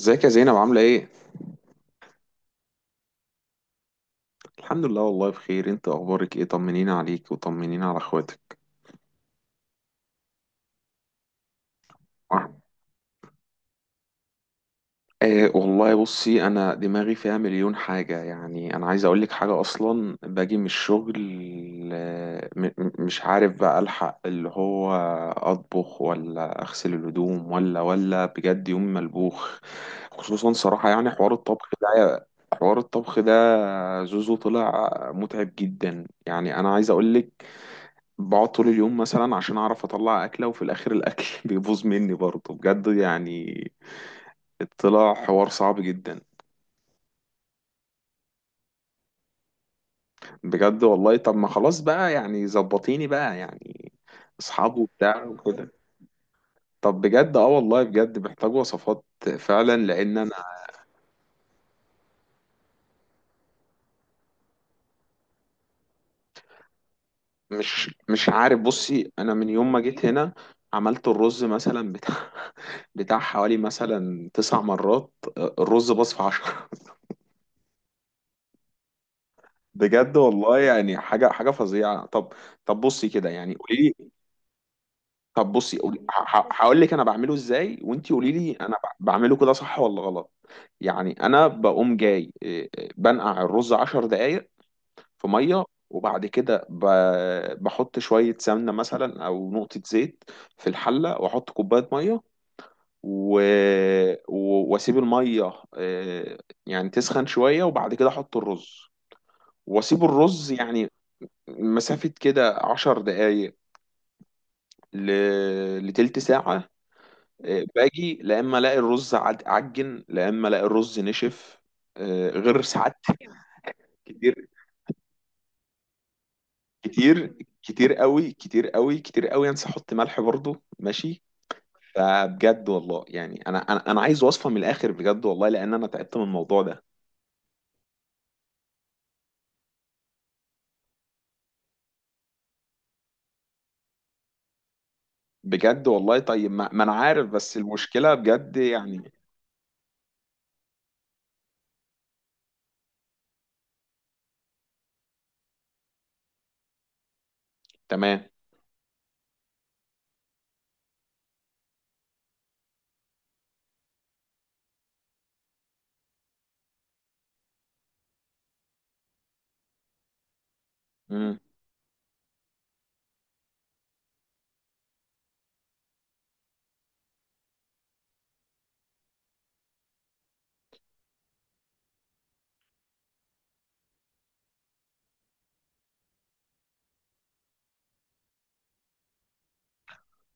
ازيك يا زينب؟ عاملة ايه؟ الحمد لله، والله بخير. انت اخبارك ايه؟ طمنينا عليك وطمنينا على اخواتك. آه والله بصي، انا دماغي فيها مليون حاجة. يعني انا عايز اقولك حاجة، اصلا باجي من الشغل. مش عارف بقى، الحق اللي هو اطبخ ولا اغسل الهدوم ولا بجد، يوم ملبوخ. خصوصا صراحة يعني حوار الطبخ ده زوزو طلع متعب جدا. يعني انا عايز اقولك، بقعد طول اليوم مثلا عشان اعرف اطلع اكله، وفي الاخر الاكل بيبوظ مني برضه، بجد يعني طلع حوار صعب جدا. بجد والله. طب ما خلاص بقى، يعني زبطيني بقى يعني، اصحابه وبتاع وكده. طب بجد اه والله بجد محتاج وصفات، فعلا لان انا مش عارف. بصي، انا من يوم ما جيت هنا عملت الرز مثلا بتاع بتاع حوالي مثلا 9 مرات. الرز باظ في عشرة، بجد والله. يعني حاجه حاجه فظيعه. طب طب بصي كده، يعني قولي لي. طب بصي قولي، هقول لك انا بعمله ازاي، وانتي قولي لي انا بعمله كده صح ولا غلط. يعني انا بقوم جاي، إيه، إيه، بنقع الرز 10 دقائق في ميه. وبعد كده بحط شويه سمنه مثلا او نقطه زيت في الحله، واحط كوبايه ميه و... واسيب الميه يعني تسخن شويه. وبعد كده احط الرز واسيب الرز يعني مسافة كده 10 دقايق ل... لتلت ساعة. باجي لا إما ألاقي الرز عجن، لا إما ألاقي الرز نشف. غير ساعات كتير كتير. كتير قوي، كتير قوي، كتير قوي أنسى أحط ملح برضه. ماشي، فبجد والله يعني أنا عايز وصفة من الآخر، بجد والله، لأن أنا تعبت من الموضوع ده. بجد والله. طيب ما أنا عارف، بس المشكلة بجد يعني. تمام. مم.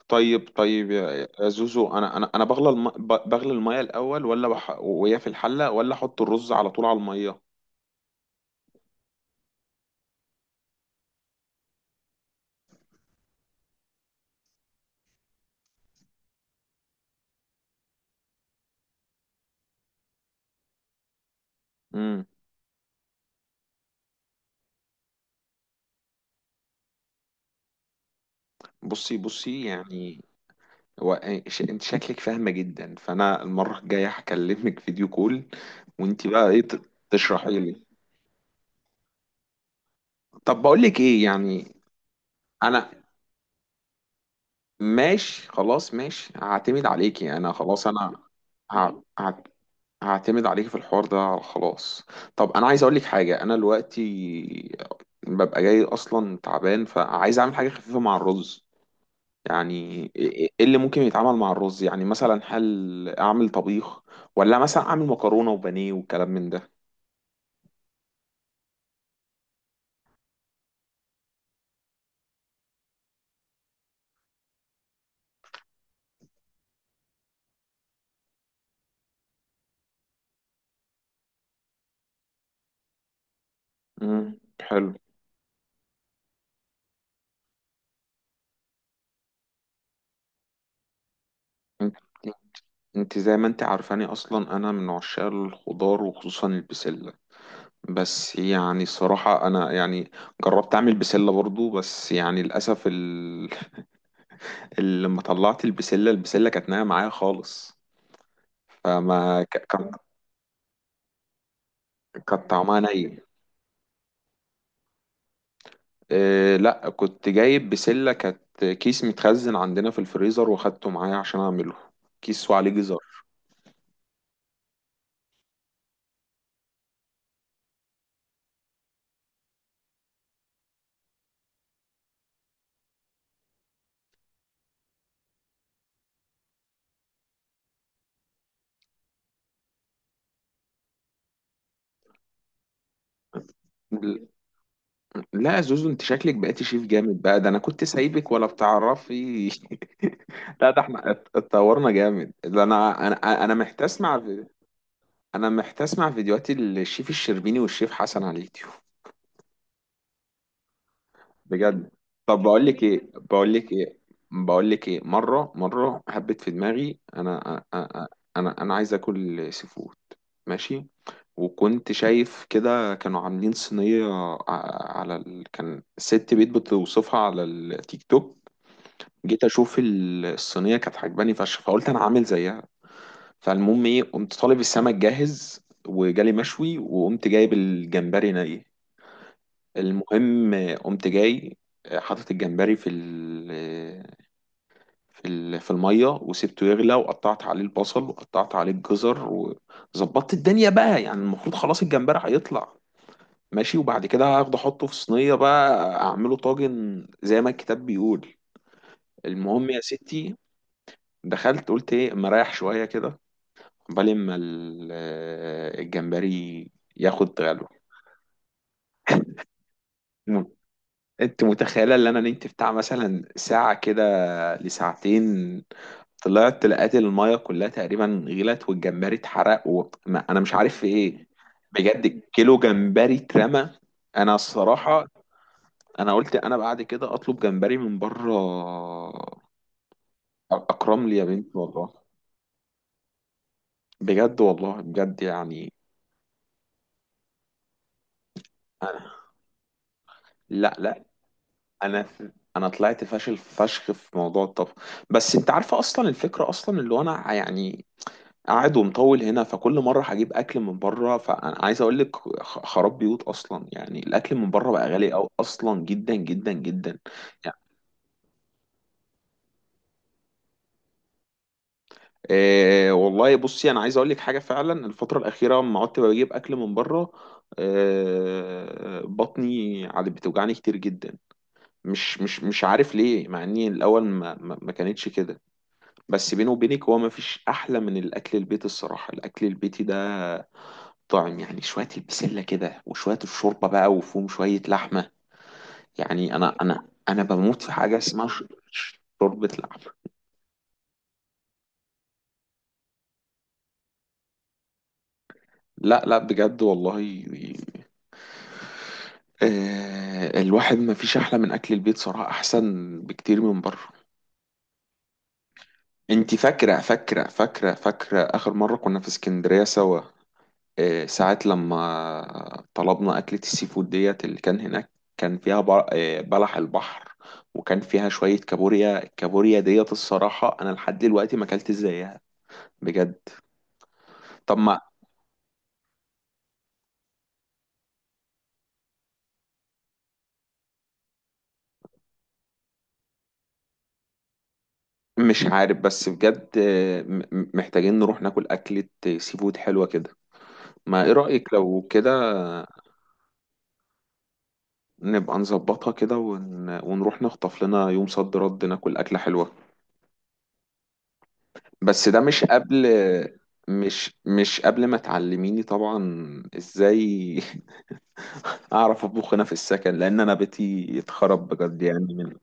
طيب طيب يا زوزو، انا بغلى بغلي الميه الاول، ولا وهي في الحله، ولا احط الرز على طول على الميه؟ امم. بصي يعني هو انت شكلك فاهمه جدا، فانا المره الجايه هكلمك فيديو كول وانت بقى ايه تشرحي لي. طب بقول لك ايه يعني؟ انا ماشي خلاص، ماشي هعتمد عليكي. انا خلاص، انا ه... هعت- هعتمد عليك في الحوار ده، خلاص. طب انا عايز اقول لك حاجه، انا دلوقتي ببقى جاي اصلا تعبان، فعايز اعمل حاجه خفيفه مع الرز يعني. ايه إيه إيه اللي ممكن يتعمل مع الرز؟ يعني مثلا هل اعمل طبيخ، ولا مثلا اعمل مكرونه وبانيه والكلام من ده؟ امم، حلو. انت انت زي ما انت عارفاني اصلا، انا من عشاق الخضار، وخصوصا البسله. بس يعني الصراحه انا يعني جربت اعمل بسله برضو، بس يعني للاسف لما طلعت البسلة كانت نايمة معايا خالص. فما كان طعمها نايم. إيه، لا كنت جايب بسلة، كانت كيس متخزن عندنا في الفريزر، واخدته معايا عشان اعمله. كيس وعليه جزر. ل- لا يا زوزو، انت شكلك بقيتي شيف جامد بقى. ده انا كنت سايبك ولا بتعرفي؟ لا، ده احنا اتطورنا جامد. ده انا محتاج اسمع انا محتاج اسمع فيديوهات الشيف الشربيني والشيف حسن على اليوتيوب. بجد، طب بقول لك ايه، مره حبيت في دماغي، أنا عايز اكل سي فود. ماشي. وكنت شايف كده كانوا عاملين صينيه كان ست بيت بتوصفها على التيك توك. جيت اشوف الصينيه، كانت عجباني فشخ، فقلت انا عامل زيها. فالمهم ايه، قمت طالب السمك جاهز، وجالي مشوي، وقمت جايب الجمبري ني. المهم قمت جاي حاطط الجمبري في ال في ال في الميه، وسبته يغلى، وقطعت عليه البصل، وقطعت عليه الجزر، وظبطت الدنيا بقى. يعني المفروض خلاص الجمبري هيطلع، ماشي، وبعد كده هاخده احطه في صينيه بقى، اعمله طاجن زي ما الكتاب بيقول. المهم يا ستي، دخلت قلت ايه اما اريح شويه كده، عقبال ما الجمبري ياخد غلوه. مم. انت متخيله ان انا نمت بتاع مثلا ساعه كده، لساعتين؟ طلعت لقيت المايه كلها تقريبا غلت، والجمبري اتحرق، ما انا مش عارف في ايه. بجد، كيلو جمبري اترمى. انا الصراحه انا قلت انا بعد كده اطلب جمبري من بره، اكرم لي يا بنت والله. بجد والله، بجد يعني انا. لا لا، انا انا طلعت فاشل فشخ في موضوع الطبخ. بس انت عارفه اصلا الفكره، اصلا اللي هو انا يعني قاعد ومطول هنا، فكل مرة هجيب أكل من بره، فأنا عايز أقول لك خراب بيوت أصلا. يعني الأكل من بره بقى غالي أوي أصلا، جدا جدا جدا، يعني. إيه والله، بصي أنا عايز أقول لك حاجة، فعلا الفترة الأخيرة لما قعدت بجيب أكل من بره، إيه بطني عاد بتوجعني كتير جدا. مش عارف ليه، مع إني الأول ما كانتش كده. بس بيني وبينك، هو ما فيش أحلى من الأكل البيت. الصراحة الأكل البيتي ده طعم. يعني شوية البسلة كده، وشوية الشوربة بقى، وفيهم شوية لحمة. يعني أنا بموت في حاجة اسمها شوربة لحمة. لا لا، بجد والله. آه، الواحد ما فيش أحلى من أكل البيت صراحة، أحسن بكتير من بره. أنت فاكرة آخر مرة كنا في اسكندرية سوا؟ ساعات لما طلبنا أكلة السي فود ديت اللي كان هناك، كان فيها بلح البحر، وكان فيها شوية كابوريا. الكابوريا ديت الصراحة أنا لحد دلوقتي ما أكلت زيها، بجد. طب ما مش عارف، بس بجد محتاجين نروح ناكل أكلة سي فود حلوة كده. ما إيه رأيك لو كده؟ نبقى نظبطها كده، ونروح نخطف لنا يوم صد رد ناكل أكلة حلوة. بس ده مش قبل ما تعلميني طبعا ازاي اعرف اطبخ هنا في السكن، لان انا بيتي اتخرب بجد يعني من.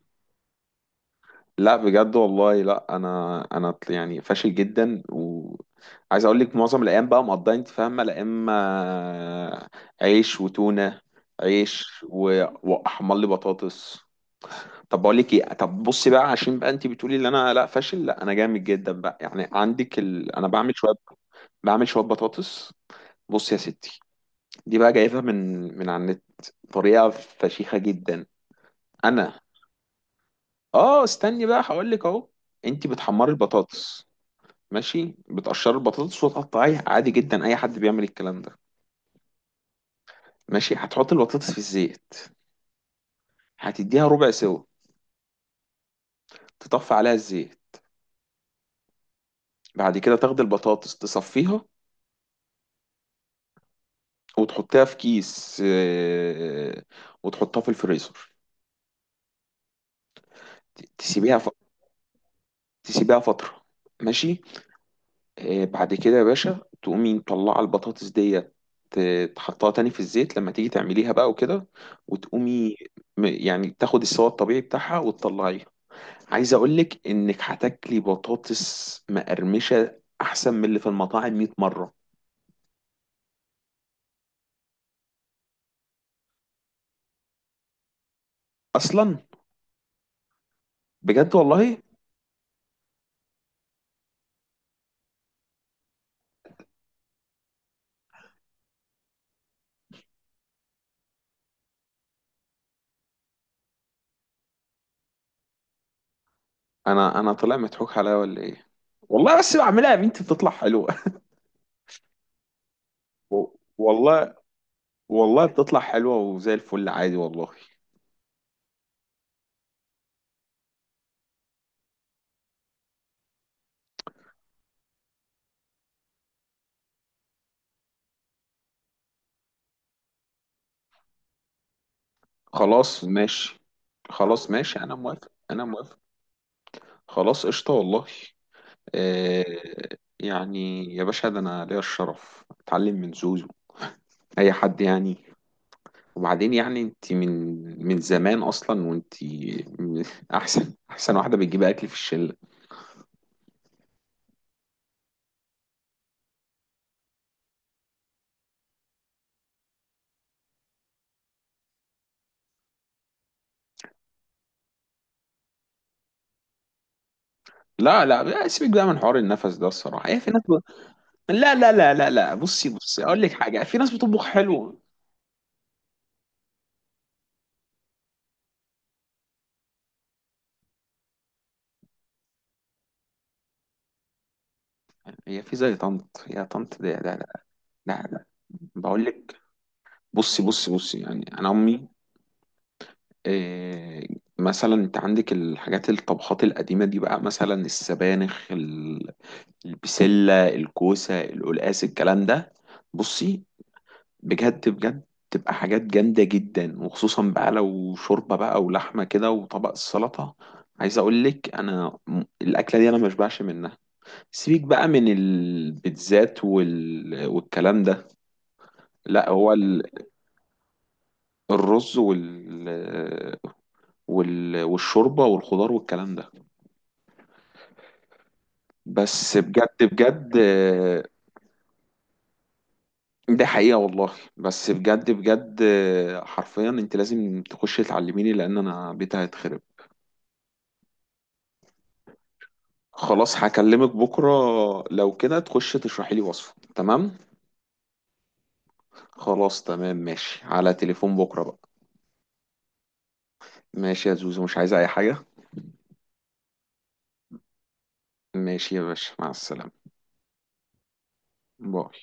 لا بجد والله، لا انا يعني فاشل جدا. وعايز اقول لك، معظم الايام بقى مقضيه انت فاهمه، لا اما عيش وتونه، عيش واحمر لي بطاطس. طب بقول لك ايه، طب بصي بقى، عشان بقى انت بتقولي ان انا لا فاشل، لا انا جامد جدا بقى. يعني عندك انا بعمل شويه بطاطس. بصي يا ستي، دي بقى جايبها من على النت. طريقه فشيخه جدا. انا اه استني بقى هقول لك اهو. انت بتحمري البطاطس، ماشي. بتقشري البطاطس وتقطعيها عادي جدا، اي حد بيعمل الكلام ده. ماشي. هتحطي البطاطس في الزيت، هتديها ربع سوا، تطفي عليها الزيت، بعد كده تاخدي البطاطس تصفيها، وتحطها في كيس، وتحطها في الفريزر. تسيبيها تسيبيها فترة، ماشي. بعد كده يا باشا تقومي مطلعة البطاطس ديت، تحطها تاني في الزيت لما تيجي تعمليها بقى وكده، وتقومي يعني تاخد السوا الطبيعي بتاعها وتطلعيها. عايز اقولك انك هتاكلي بطاطس مقرمشة احسن من اللي في المطاعم 100 مرة. اصلا بجد والله، انا طلع مضحوك عليا ولا ايه؟ والله بس بعملها يا بنتي بتطلع حلوة، و- والله. والله بتطلع حلوة وزي الفل عادي، والله. خلاص ماشي، خلاص ماشي. أنا موافق، أنا موافق. خلاص قشطة والله. آه. يعني يا باشا، ده أنا ليا الشرف أتعلم من زوزو، أي حد يعني. وبعدين يعني أنت من زمان أصلا، وأنت من- أحسن أحسن واحدة بتجيب أكل في الشلة. لا لا، سيبك بقى من حوار النفس ده. الصراحة هي في ناس لا لا لا لا لا، بصي بصي، أقول لك حاجة. في ناس بتطبخ حلو. هي في زي طنط؟ يا طنط ده لا لا، لا لا. بقول لك، بصي بصي بصي، يعني انا امي. إيه، مثلا انت عندك الحاجات، الطبخات القديمه دي بقى، مثلا السبانخ البسله، الكوسه، القلقاس، الكلام ده. بصي، بجد بجد، تبقى حاجات جامده جدا، وخصوصا بقى لو شوربه بقى ولحمه كده وطبق السلطه. عايز اقول لك، انا الاكله دي انا مشبعش منها. سيبك بقى من البيتزات والكلام ده. لا هو الرز والشوربة والخضار والكلام ده. بس بجد بجد، ده حقيقة والله. بس بجد بجد، حرفيا انت لازم تخشي تعلميني، لان انا بيتي هيتخرب. خلاص هكلمك بكرة، لو كده تخشي تشرحي لي وصفة، تمام. خلاص تمام، ماشي، على تليفون بكرة بقى. ماشي يا زوزو، مش عايزة اي حاجة؟ ماشي يا باشا، مع السلامة. باي.